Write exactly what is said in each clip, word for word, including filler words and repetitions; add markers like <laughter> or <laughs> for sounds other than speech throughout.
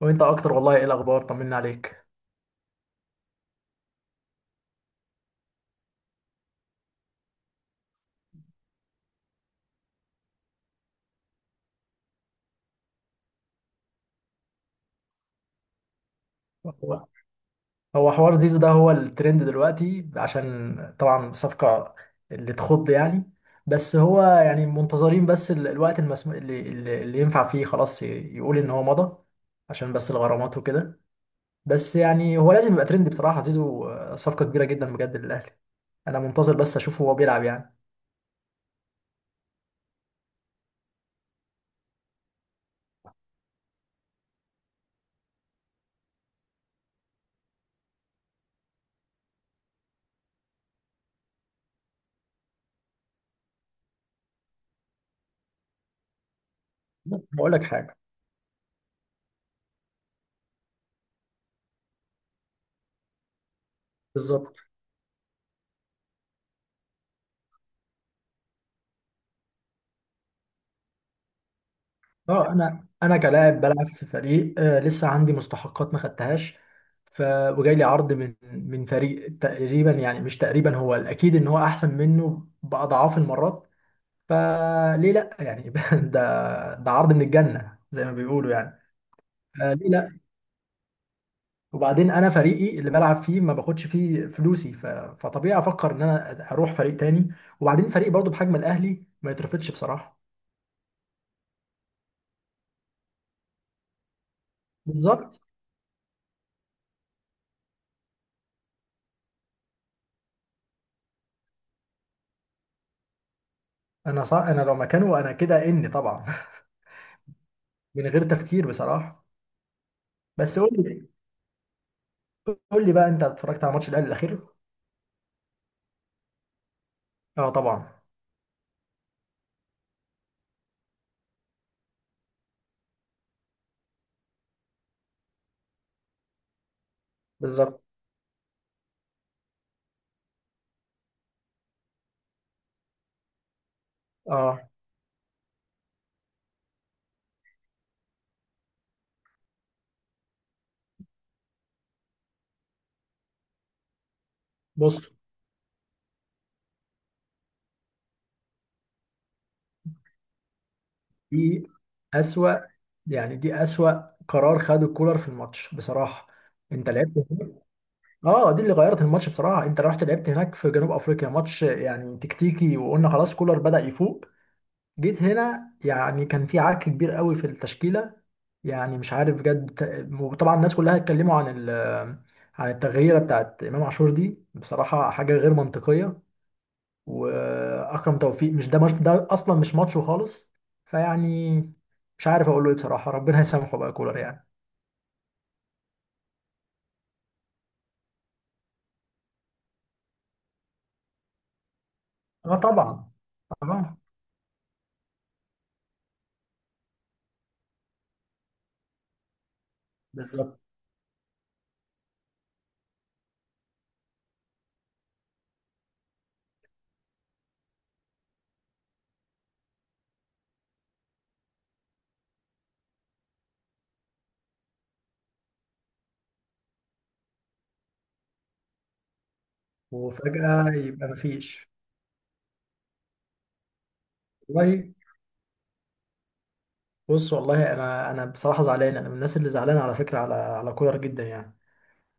وانت اكتر، والله ايه الاخبار؟ طمنا عليك. هو هو حوار زيزو ده هو الترند دلوقتي عشان طبعا الصفقة اللي تخض يعني. بس هو يعني منتظرين بس ال- الوقت المسمو اللي, اللي اللي ينفع فيه خلاص، ي- يقول ان هو مضى عشان بس الغرامات وكده. بس يعني هو لازم يبقى ترند بصراحة زيزو، آه، صفقة كبيرة جدا بجد للاهلي. انا منتظر بس اشوفه هو بيلعب يعني. هقول لك حاجة. بالظبط. اه، انا انا كلاعب بلعب في فريق، آه لسه عندي مستحقات ما خدتهاش، ف وجاي لي عرض من من فريق تقريبا يعني، مش تقريبا هو الاكيد ان هو احسن منه باضعاف المرات. فليه لا يعني <laughs> ده، ده عرض من الجنة زي ما بيقولوا يعني. آه ليه لا. وبعدين انا فريقي اللي بلعب فيه ما باخدش فيه فلوسي، ف فطبيعي افكر ان انا اروح فريق تاني. وبعدين فريق برضه بحجم الاهلي ما يترفضش بصراحة. بالظبط. انا صح، انا لو مكانه انا كده اني طبعا، من غير تفكير بصراحه. بس قول لي، قول لي بقى، انت اتفرجت على ماتش الاهلي الاخير؟ اه طبعا. بالظبط. اه بص، دي اسوأ، يعني دي اسوأ قرار خده كولر في الماتش بصراحه. انت لعبت هناك. اه دي اللي غيرت الماتش بصراحه. انت رحت لعبت هناك في جنوب افريقيا ماتش يعني تكتيكي، وقلنا خلاص كولر بدأ يفوق. جيت هنا يعني كان في عك كبير قوي في التشكيله. يعني مش عارف بجد، ت- وطبعا الناس كلها اتكلموا عن ال عن التغييره بتاعت امام عاشور دي، بصراحه حاجه غير منطقيه. واكرم توفيق مش ده، مش ده اصلا مش ماتشه خالص. فيعني مش عارف اقول له ايه بصراحه، ربنا يسامحه بقى كولر يعني. اه طبعا. اه بالظبط. وفجاه يبقى مفيش. والله بص، والله انا انا بصراحه زعلان، انا من الناس اللي زعلانه على فكره على على كولر جدا يعني.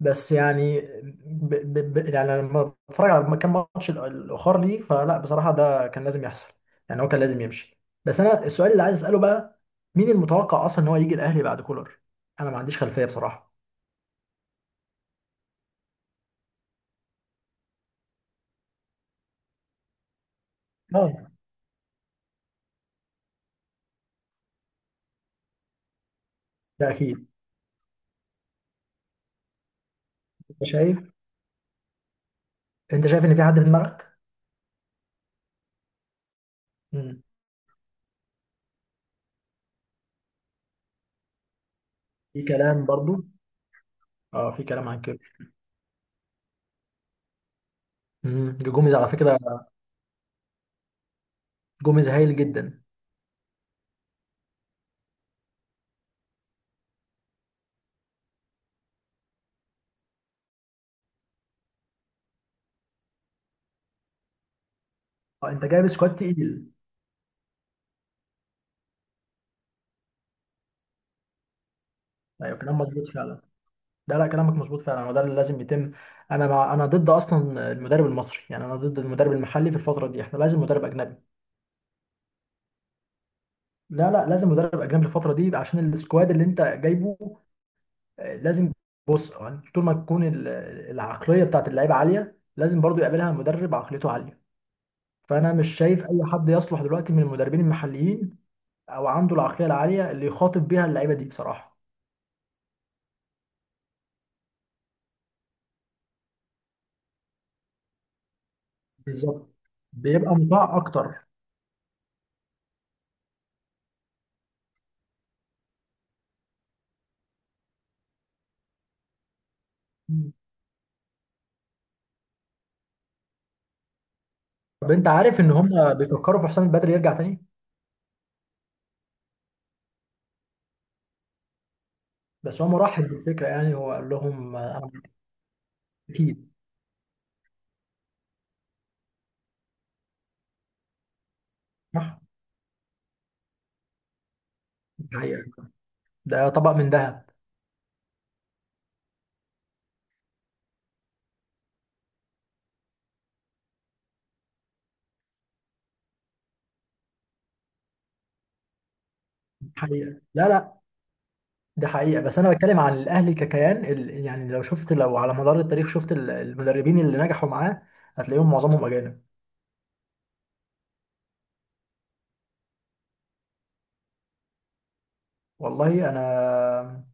بس يعني ب... ب... ب... يعني لما بتفرج على كام ماتش الأ- الاخر ليه، فلا بصراحه ده كان لازم يحصل. يعني هو كان لازم يمشي. بس انا السؤال اللي عايز اساله بقى، مين المتوقع اصلا ان هو يجي الاهلي بعد كولر؟ انا ما عنديش خلفيه بصراحه. اه ده اكيد. انت شايف، انت شايف ان في حد في دماغك؟ امم. في كلام برضو. اه في كلام عن كده. امم جوميز على فكره، جوميز هايل جدا. اه انت جايب سكواد تقيل. ايوه كلام مظبوط فعلا. ده لا كلامك مظبوط فعلا وده اللي لازم يتم. انا مع، انا ضد اصلا المدرب المصري، يعني انا ضد المدرب المحلي في الفتره دي، احنا لازم مدرب اجنبي. لا لا لازم مدرب اجنبي الفتره دي عشان السكواد اللي انت جايبه، آه، لازم. بص يعني طول ما تكون ال- العقليه بتاعت اللعيبه عاليه، لازم برضو يقابلها مدرب عقليته عاليه. فانا مش شايف اي حد يصلح دلوقتي من المدربين المحليين او عنده العقليه العاليه اللي يخاطب بيها اللعيبه دي بصراحه. بالظبط. بيبقى مطاع اكتر. مم. طب انت عارف ان هم بيفكروا في حسام البدري يرجع تاني؟ بس هو مرحب بالفكرة يعني، هو قال لهم آه، أنا أكيد. صح. دي حقيقة. ده طبق من ذهب. دي حقيقة، لا لا ده حقيقة. بس أنا بتكلم عن الأهلي ككيان، ال- يعني لو شفت، لو على مدار التاريخ شفت ال- المدربين اللي نجحوا معاه، هتلاقيهم معظمهم أجانب. والله أنا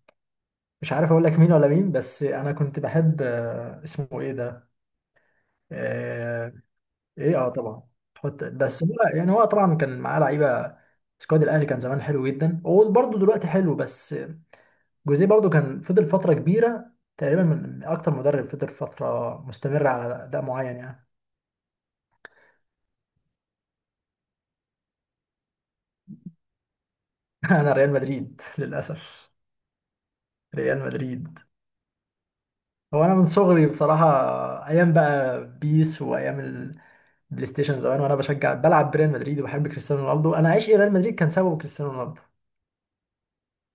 مش عارف أقول لك مين ولا مين، بس أنا كنت بحب آه، اسمه إيه ده، آه، إيه أه طبعا. حط بس هو يعني، هو طبعا كان معاه لعيبة، سكواد الأهلي كان زمان حلو جدا وبرضه دلوقتي حلو. بس جوزيه برضو كان فضل فترة كبيرة، تقريبا من أكتر مدرب فضل فترة مستمرة على أداء معين يعني. <laughs> أنا ريال مدريد للأسف. ريال مدريد. هو أنا من صغري بصراحة، أيام بقى بيس وأيام البلاي ستيشن زمان، وأنا بشجع بلعب بريال مدريد وبحب كريستيانو رونالدو. أنا عشق ريال مدريد كان سببه كريستيانو رونالدو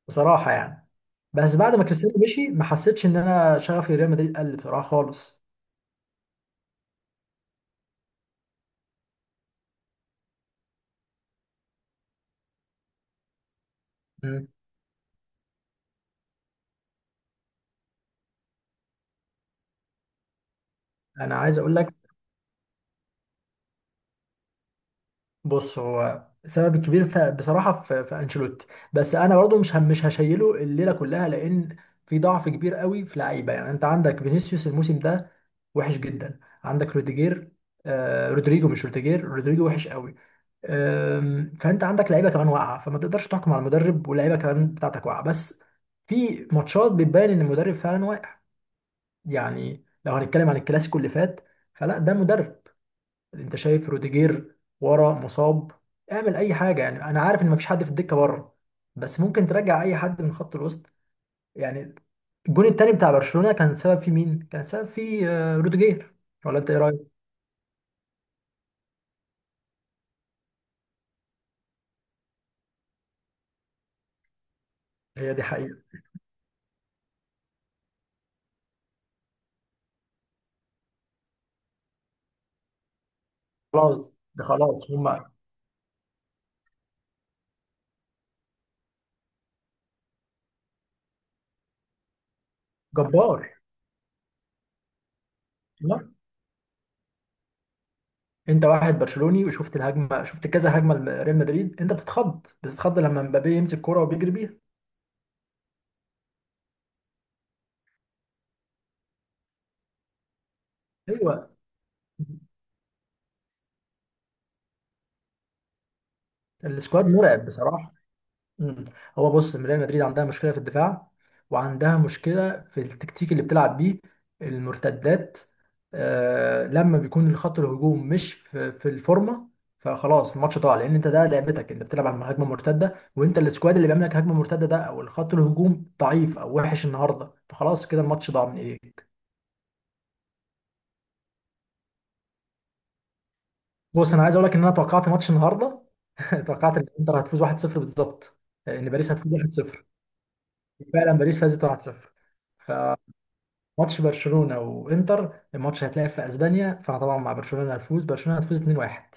بصراحة يعني. بس بعد ما كريستيانو مشي ما حسيتش إن أنا شغفي ريال مدريد قل بصراحة خالص. مم. أنا عايز أقول لك. بص هو سبب كبير، ف- بصراحه في, في انشيلوتي. بس انا برضو مش، هم مش هشيله الليله كلها، لان في ضعف كبير قوي في لعيبه. يعني انت عندك فينيسيوس الموسم ده وحش جدا، عندك روديجير، آه رودريجو مش روديجير، رودريجو وحش قوي. آم، فانت عندك لعيبه كمان واقعه، فما تقدرش تحكم على المدرب واللعيبه كمان بتاعتك واقعه. بس في ماتشات بتبين ان المدرب فعلا واقع. يعني لو هنتكلم عن الكلاسيكو اللي فات، فلا ده مدرب. انت شايف روديجير ورا مصاب، اعمل اي حاجه يعني. انا عارف ان مفيش حد في الدكه بره، بس ممكن ترجع اي حد من خط الوسط يعني. الجون التاني بتاع برشلونه كان سبب فيه مين؟ كان سبب فيه آه، روديجير. ولا انت ايه رايك؟ هي دي حقيقه. خلاص ده خلاص هما. جبار. تمام؟ انت واحد برشلوني وشفت الهجمه، شفت كذا هجمه لريال مدريد، انت بتتخض، بتتخض لما مبابي يمسك كرة وبيجري بيها. ايوه. السكواد مرعب بصراحه. مم. هو بص ريال مدريد عندها مشكله في الدفاع، وعندها مشكله في التكتيك اللي بتلعب بيه، المرتدات. آه لما بيكون الخط الهجوم مش في, في الفورمه، فخلاص الماتش ضاع، لان انت ده لعبتك، انت بتلعب على هجمه مرتده. وانت السكواد اللي بيعمل لك هجمه مرتده ده، او الخط الهجوم ضعيف او وحش النهارده، فخلاص كده الماتش ضاع من ايديك. بص انا عايز اقول لك ان انا توقعت ماتش النهارده. <laughs> توقعت ان انتر هتفوز واحد صفر بالظبط. ان باريس هتفوز واحد صفر. فعلا باريس فازت واحد صفر. ماتش برشلونة وانتر، الماتش هيتلعب في اسبانيا، فانا طبعا مع برشلونة، هتفوز برشلونة، هتفوز اتنين واحد.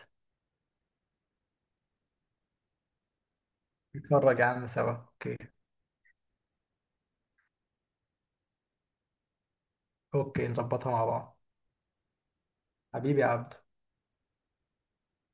نتفرج يا عم سوا اوكي. اوكي نظبطها مع بعض. حبيبي يا عبد.